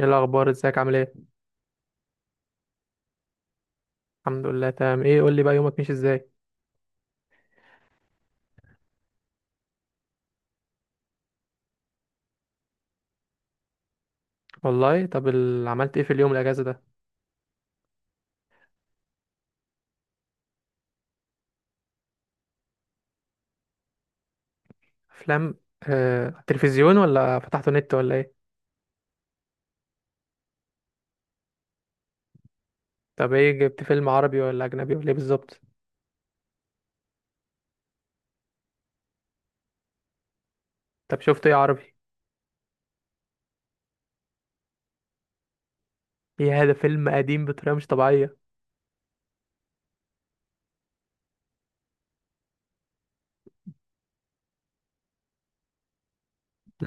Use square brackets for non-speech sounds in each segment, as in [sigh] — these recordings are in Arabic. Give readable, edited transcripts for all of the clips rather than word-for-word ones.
ايه الاخبار، ازيك؟ عامل ايه؟ الحمد لله تمام. ايه قول لي بقى يومك ماشي ازاي؟ والله طب عملت ايه في اليوم الاجازه ده؟ افلام؟ تلفزيون ولا فتحته نت ولا ايه؟ طب ايه، جبت فيلم عربي ولا اجنبي ولا ايه بالظبط؟ طب شفت ايه عربي؟ ايه هذا؟ فيلم قديم بطريقه مش طبيعيه.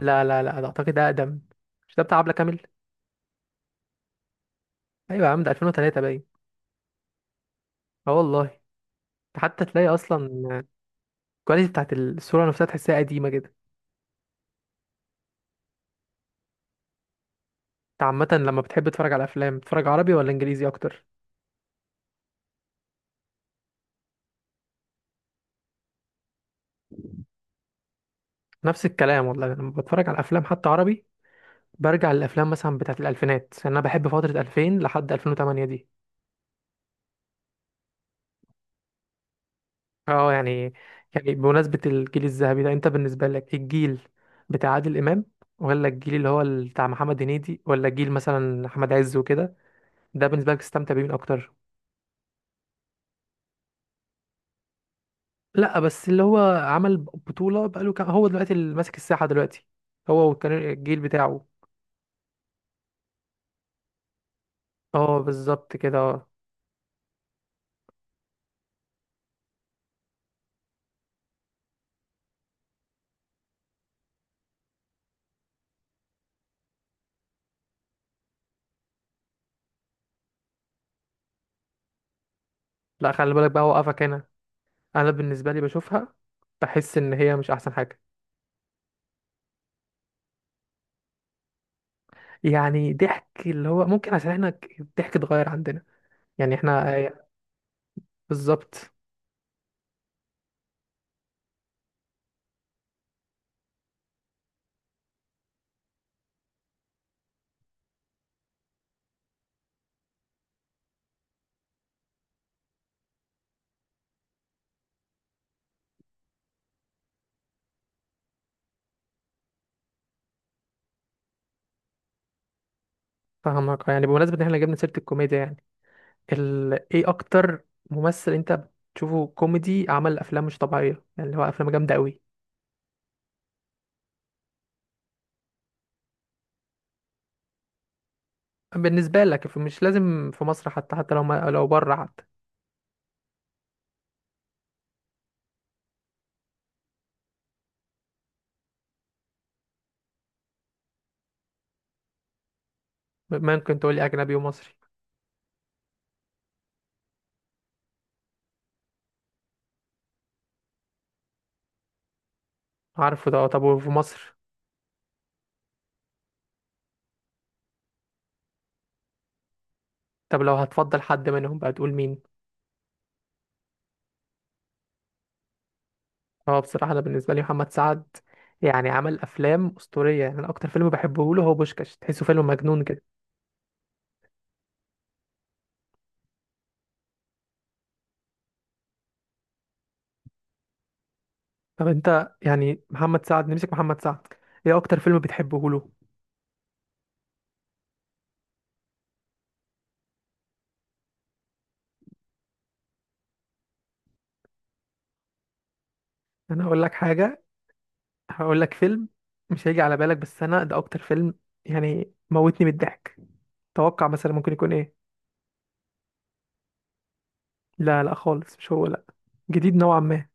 لا ده اعتقد اقدم. مش ده بتاع عبله كامل؟ ايوه يا عم، ده 2003 باين. اه والله. ده حتى تلاقي اصلا الكواليتي بتاعت الصوره نفسها تحسها قديمه كده. انت عامه لما بتحب تتفرج على افلام بتتفرج عربي ولا انجليزي اكتر؟ نفس الكلام والله، لما بتفرج على افلام حتى عربي برجع للافلام مثلا بتاعت الالفينات، لان انا بحب فتره 2000 لحد 2008 دي. اه يعني. يعني بمناسبه الجيل الذهبي ده، انت بالنسبه لك الجيل بتاع عادل امام، ولا الجيل اللي هو بتاع محمد هنيدي، ولا الجيل مثلا احمد عز وكده؟ ده بالنسبه لك استمتع بيه من اكتر؟ لا بس اللي هو عمل بطوله بقاله كام، هو دلوقتي اللي ماسك الساحه دلوقتي هو وكان الجيل بتاعه. اه بالظبط كده اه. لا خلي بالك بقى، هو قفك هنا. انا بالنسبه لي بشوفها بحس ان هي مش احسن حاجه. يعني ضحك اللي هو ممكن عشان احنا الضحك اتغير عندنا. يعني احنا بالظبط. فاهمك. يعني بمناسبه ان احنا جبنا سيره الكوميديا يعني، ايه اكتر ممثل انت بتشوفه كوميدي عمل افلام مش طبيعيه، يعني اللي هو افلام جامده قوي بالنسبه لك؟ مش لازم في مصر، حتى حتى لو ما... لو بره حتى. ممكن تقول لي اجنبي ومصري؟ عارفه ده. طب وفي مصر؟ طب لو هتفضل حد منهم بقى تقول مين؟ هو بصراحة أنا بالنسبة لي محمد سعد. يعني عمل أفلام أسطورية، يعني أنا أكتر فيلم بحبه له هو بوشكاش، تحسه فيلم مجنون كده. طب أنت يعني، محمد سعد، نمسك محمد سعد، إيه أكتر فيلم بتحبه له؟ أنا هقول لك حاجة، هقول لك فيلم مش هيجي على بالك، بس أنا ده أكتر فيلم يعني موتني بالضحك. توقع مثلا ممكن يكون إيه؟ لا خالص مش هو لا. جديد نوعا ما.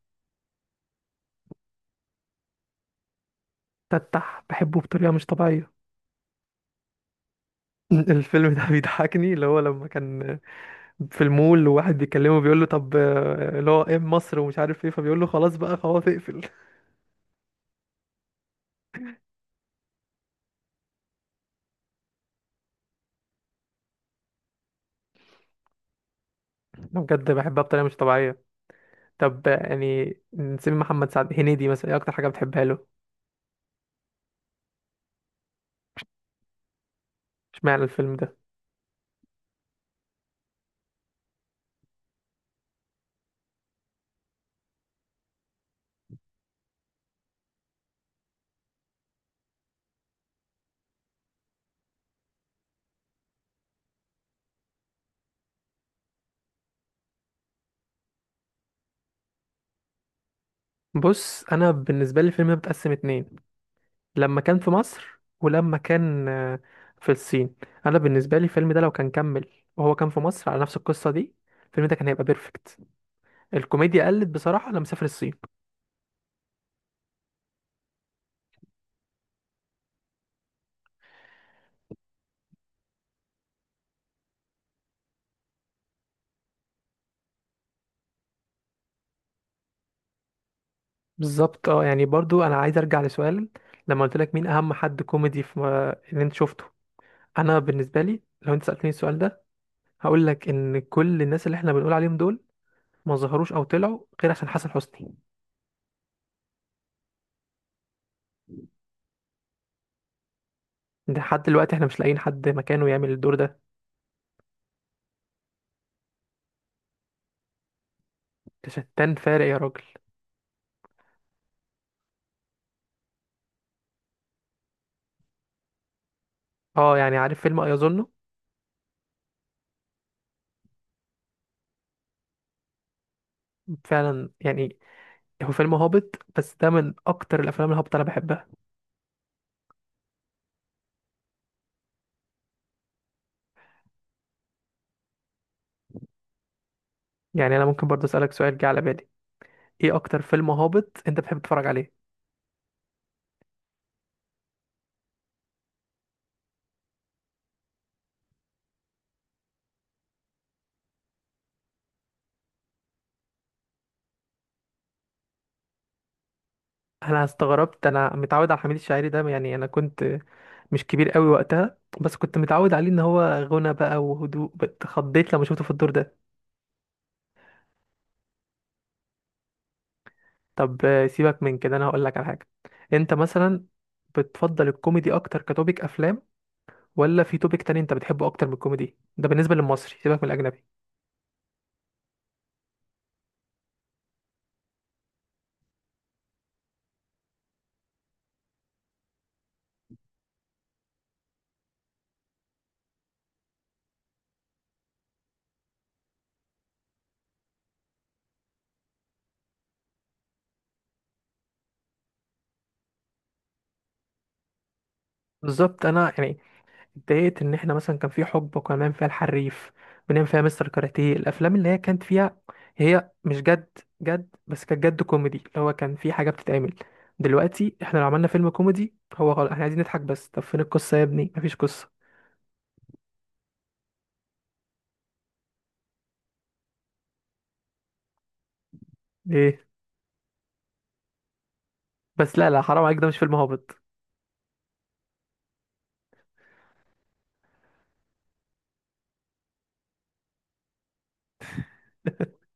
تتح، بحبه بطريقة مش طبيعية. [laughs] الفيلم ده بيضحكني، اللي هو لما كان في المول وواحد بيكلمه بيقول له طب، اللي هو ايه مصر ومش عارف ايه، فبيقول له خلاص بقى، خلاص اقفل. [laughs] أنا بجد بحبها بطريقه مش طبيعيه. طب يعني نسيب محمد سعد، هنيدي مثلا ايه اكتر حاجه بتحبها له؟ اشمعنى الفيلم ده؟ بص انا بالنسبه لي الفيلم ده متقسم اتنين، لما كان في مصر ولما كان في الصين. انا بالنسبه لي الفيلم ده لو كان كمل وهو كان في مصر على نفس القصه دي، الفيلم ده كان هيبقى بيرفكت. الكوميديا قلت بصراحه لما سافر الصين. بالظبط اه. يعني برضو انا عايز ارجع لسؤال، لما قلت لك مين اهم حد كوميدي في اللي انت شفته. انا بالنسبه لي لو انت سالتني السؤال ده، هقول لك ان كل الناس اللي احنا بنقول عليهم دول ما ظهروش او طلعوا غير عشان حسن حسني. ده لحد دلوقتي احنا مش لاقيين حد مكانه يعمل الدور ده. ده شتان فارق يا راجل. اه يعني، عارف فيلم ايظنه؟ فعلا يعني، هو فيلم هابط، بس ده من اكتر الافلام الهابطه اللي انا بحبها. يعني انا ممكن برضو اسالك سؤال جه على بالي، ايه اكتر فيلم هابط انت بتحب تتفرج عليه؟ انا استغربت، انا متعود على حميد الشاعري ده. يعني انا كنت مش كبير قوي وقتها، بس كنت متعود عليه ان هو غنى بقى وهدوء، اتخضيت لما شفته في الدور ده. طب سيبك من كده، انا هقول لك على حاجه. انت مثلا بتفضل الكوميدي اكتر كتوبيك افلام، ولا في توبيك تاني انت بتحبه اكتر من الكوميدي ده بالنسبه للمصري، سيبك من الاجنبي؟ بالظبط. انا يعني اتضايقت ان احنا مثلا كان في حقبه كنا بنعمل فيها الحريف، بنعمل فيها مستر كاراتيه، الافلام اللي هي كانت فيها، هي مش جد جد، بس كانت جد كوميدي، اللي هو كان في حاجه بتتعمل. دلوقتي احنا لو عملنا فيلم كوميدي، هو خلاص احنا عايزين نضحك بس، طب فين القصه يا ابني؟ مفيش قصه. ايه؟ بس لا لا حرام عليك، ده مش فيلم هابط. [laughs]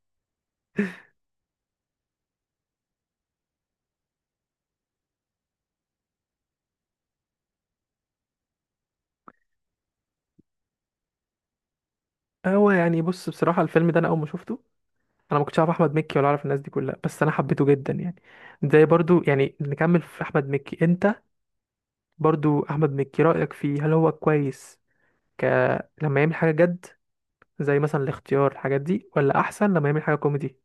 هو يعني بص، بصراحة الفيلم ده أنا أول ما شفته، أنا ما كنتش أعرف أحمد مكي ولا أعرف الناس دي كلها، بس أنا حبيته جدا يعني. زي برضو يعني نكمل في أحمد مكي، أنت برضو أحمد مكي رأيك فيه؟ هل هو كويس ك... لما يعمل حاجة جد زي مثلا الاختيار، الحاجات دي، ولا أحسن لما يعمل حاجة كوميدي؟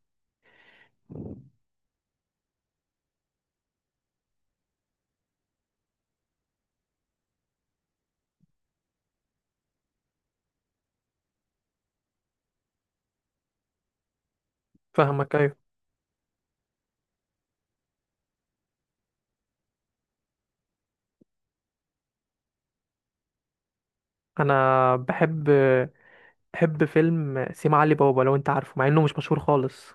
فاهمك. أيوة. أنا بحب، بحب فيلم سيما علي بابا، لو أنت عارفه، مع إنه مش مشهور خالص.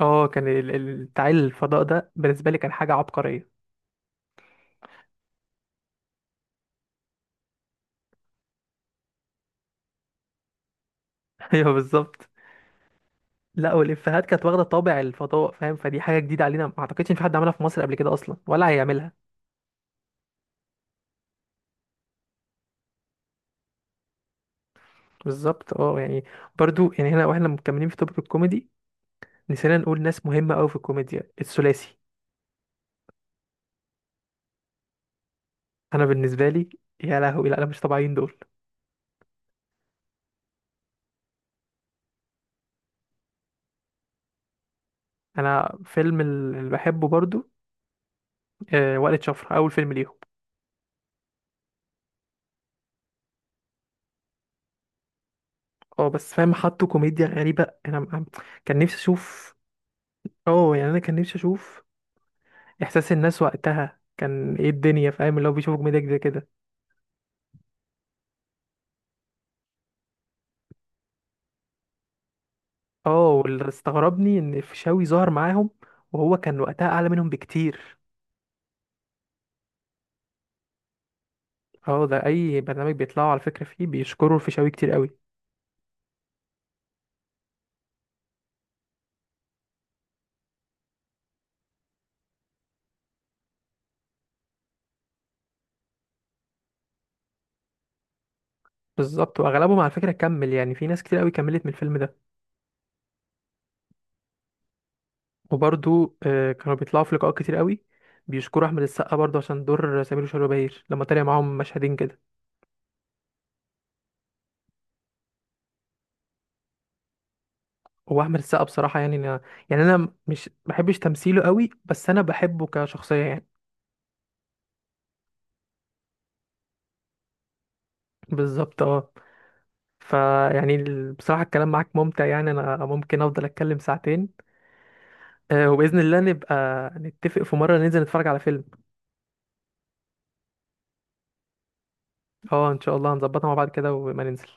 اه كان بتاع الفضاء ده بالنسبة لي كان حاجة عبقرية. [laughs] أيوة بالظبط. لا والإفيهات كانت واخدة طابع الفضاء، فاهم؟ فدي حاجة جديدة علينا، ما أعتقدش إن في حد عملها في مصر قبل كده أصلا ولا هيعملها. بالظبط اه. يعني برضو يعني، هنا واحنا مكملين في توبيك الكوميدي، نسينا نقول ناس مهمة أوي في الكوميديا، الثلاثي. انا بالنسبه لي، يا لهوي لا، انا مش طبيعيين دول. انا فيلم اللي بحبه برضو وقلة شفرة، اول فيلم ليهم. اه بس فاهم، حطوا كوميديا غريبه، انا كان نفسي اشوف. اه يعني، انا كان نفسي اشوف احساس الناس وقتها كان ايه، الدنيا فاهم اللي هو بيشوفوا كوميديا كده كده. اه، واللي استغربني ان الفيشاوي ظهر معاهم وهو كان وقتها اعلى منهم بكتير. اه ده اي برنامج بيطلعوا على فكره فيه بيشكروا الفيشاوي كتير قوي. بالظبط. واغلبهم على فكره كمل، يعني في ناس كتير قوي كملت من الفيلم ده. وبرضو كانوا بيطلعوا في لقاءات كتير قوي، بيشكروا احمد السقا برضو عشان دور سمير وشهير وبهير، لما طلع معاهم مشهدين كده. هو احمد السقا بصراحه، يعني انا يعني انا مش بحبش تمثيله قوي، بس انا بحبه كشخصيه يعني. بالظبط اه. فيعني بصراحه الكلام معاك ممتع، يعني انا ممكن افضل اتكلم ساعتين. وباذن الله نبقى نتفق في مره ننزل نتفرج على فيلم. اه ان شاء الله هنظبطها مع بعض كده، وما ننزل.